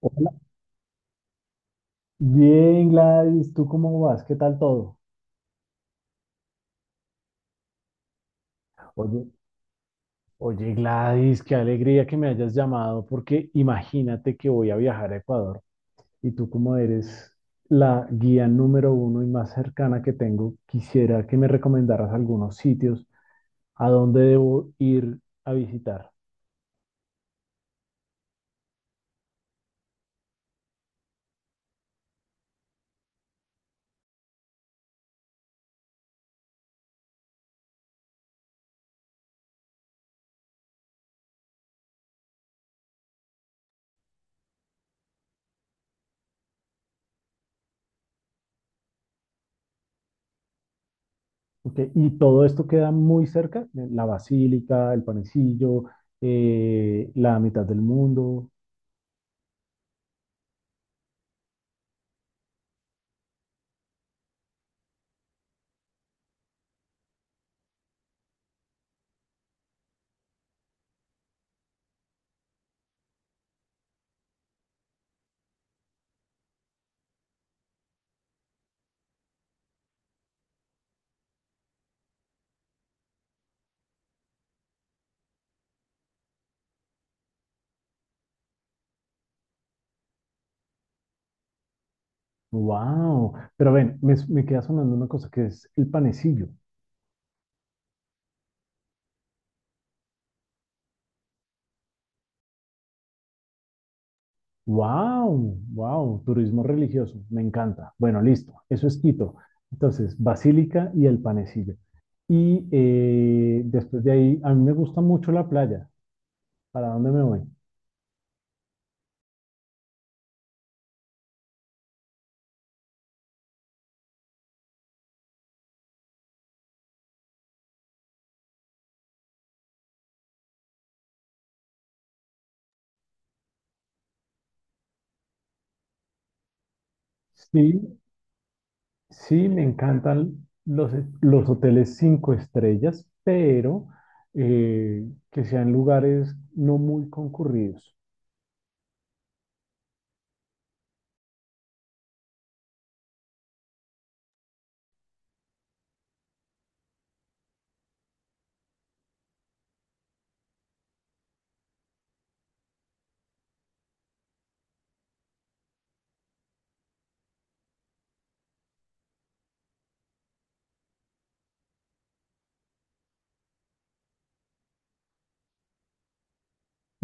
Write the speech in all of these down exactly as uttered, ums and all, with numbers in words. Hola. Bien, Gladys, ¿tú cómo vas? ¿Qué tal todo? Oye, oye, Gladys, qué alegría que me hayas llamado, porque imagínate que voy a viajar a Ecuador y tú como eres la guía número uno y más cercana que tengo, quisiera que me recomendaras algunos sitios a dónde debo ir a visitar. Ok, y todo esto queda muy cerca, la Basílica, el Panecillo, eh, la mitad del mundo. Wow, pero ven, me, me queda sonando una cosa que es el panecillo. Wow, wow, turismo religioso, me encanta. Bueno, listo, eso es Quito. Entonces, Basílica y el panecillo. Y eh, después de ahí, a mí me gusta mucho la playa. ¿Para dónde me voy? Sí, sí, me encantan los, los hoteles cinco estrellas, pero eh, que sean lugares no muy concurridos.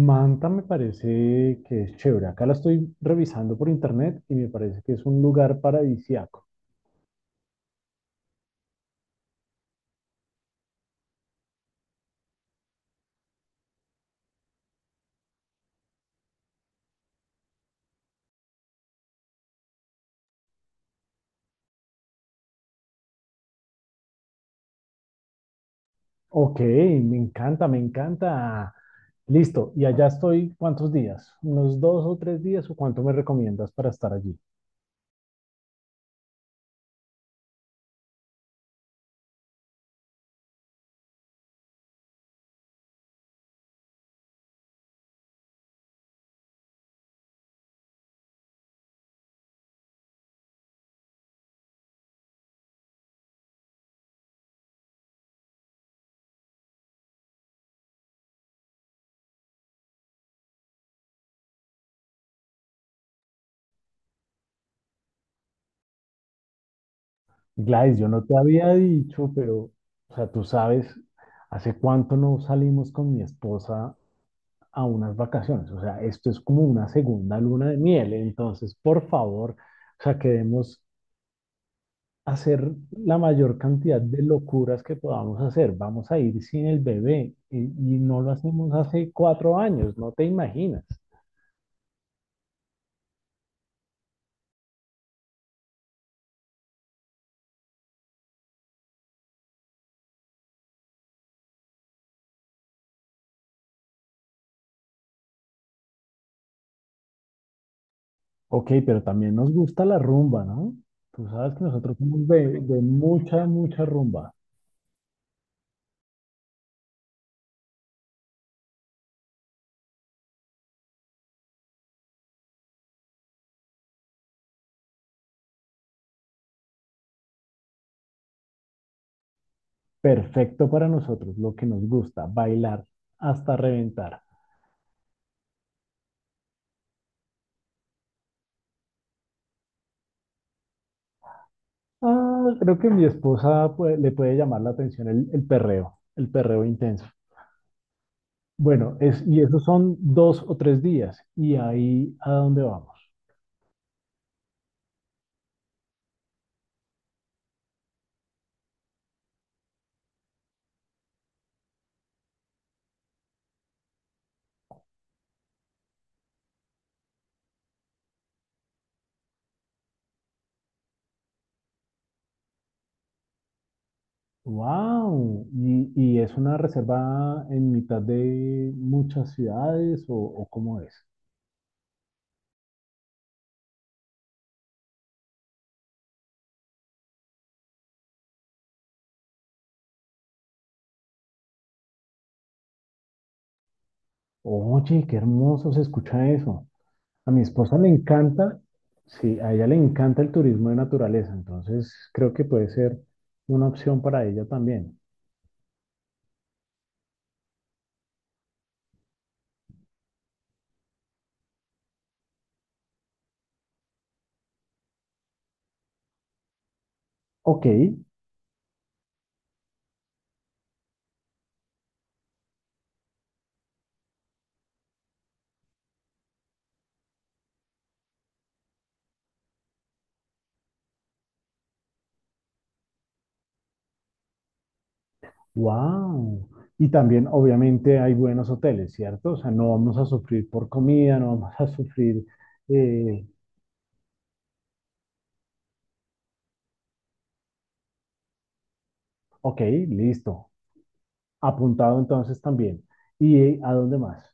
Manta me parece que es chévere. Acá la estoy revisando por internet y me parece que es un lugar paradisiaco. Ok, me encanta, me encanta. Listo, y allá estoy, ¿cuántos días? ¿Unos dos o tres días o cuánto me recomiendas para estar allí? Gladys, yo no te había dicho, pero, o sea, tú sabes, hace cuánto no salimos con mi esposa a unas vacaciones. O sea, esto es como una segunda luna de miel. Entonces, por favor, o sea, quedemos hacer la mayor cantidad de locuras que podamos hacer. Vamos a ir sin el bebé y, y no lo hacemos hace cuatro años, no te imaginas. Ok, pero también nos gusta la rumba, ¿no? Tú sabes que nosotros somos de, de mucha, mucha rumba. Perfecto para nosotros, lo que nos gusta, bailar hasta reventar. Ah, creo que mi esposa pues, le puede llamar la atención el, el perreo, el perreo intenso. Bueno, es, y esos son dos o tres días, y ahí a dónde vamos. Wow, ¿Y, y es una reserva en mitad de muchas ciudades o, o cómo es? Oye, qué hermoso se escucha eso. A mi esposa le encanta, sí, a ella le encanta el turismo de naturaleza, entonces creo que puede ser una opción para ella también. Ok, wow. Y también obviamente hay buenos hoteles, ¿cierto? O sea, no vamos a sufrir por comida, no vamos a sufrir... eh, ok, listo. Apuntado entonces también. ¿Y eh, a dónde más?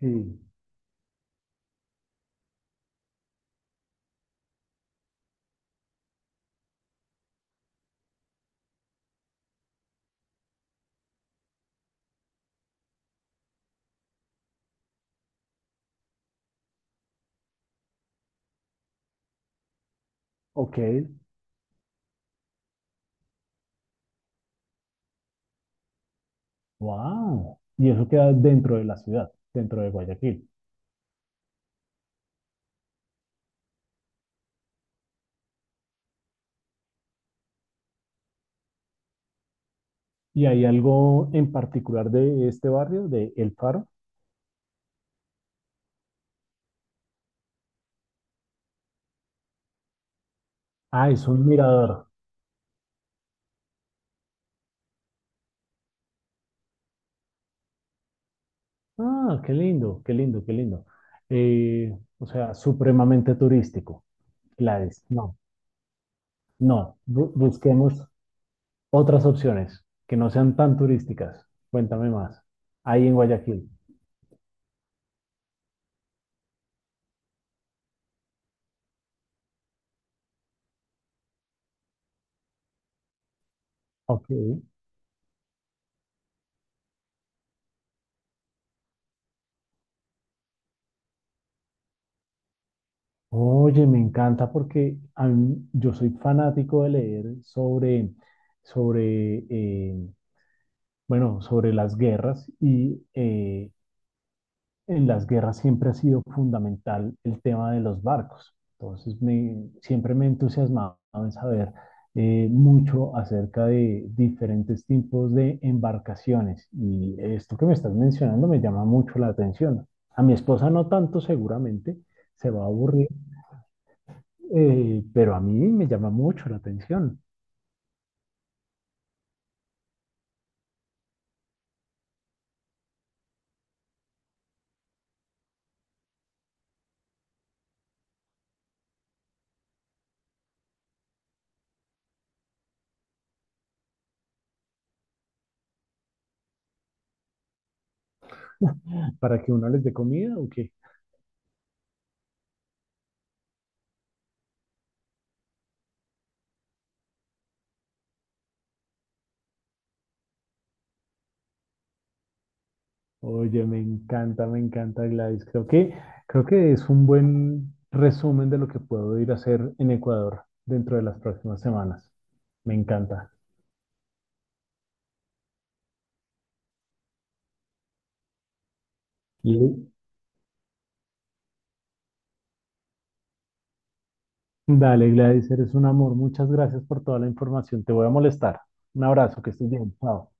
Sí. Ok. Wow. Y eso queda dentro de la ciudad, dentro de Guayaquil. ¿Y hay algo en particular de este barrio, de El Faro? Ah, es un mirador. Ah, qué lindo, qué lindo, qué lindo. Eh, o sea, supremamente turístico. Gladys, no, no. Bu- busquemos otras opciones que no sean tan turísticas. Cuéntame más. Ahí en Guayaquil. Ok. Oye, me encanta porque a mí- yo soy fanático de leer sobre, sobre, eh, bueno, sobre las guerras y eh, en las guerras siempre ha sido fundamental el tema de los barcos. Entonces, me- siempre me he entusiasmado en saber eh, mucho acerca de diferentes tipos de embarcaciones y esto que me estás mencionando me llama mucho la atención. A mi esposa no tanto, seguramente, se va a aburrir eh, pero a mí me llama mucho la atención. ¿Para que uno les dé comida o qué? Oye, me encanta, me encanta Gladys. Creo que, creo que es un buen resumen de lo que puedo ir a hacer en Ecuador dentro de las próximas semanas. Me encanta. Y dale, Gladys, eres un amor. Muchas gracias por toda la información. Te voy a molestar. Un abrazo, que estés bien. Chao.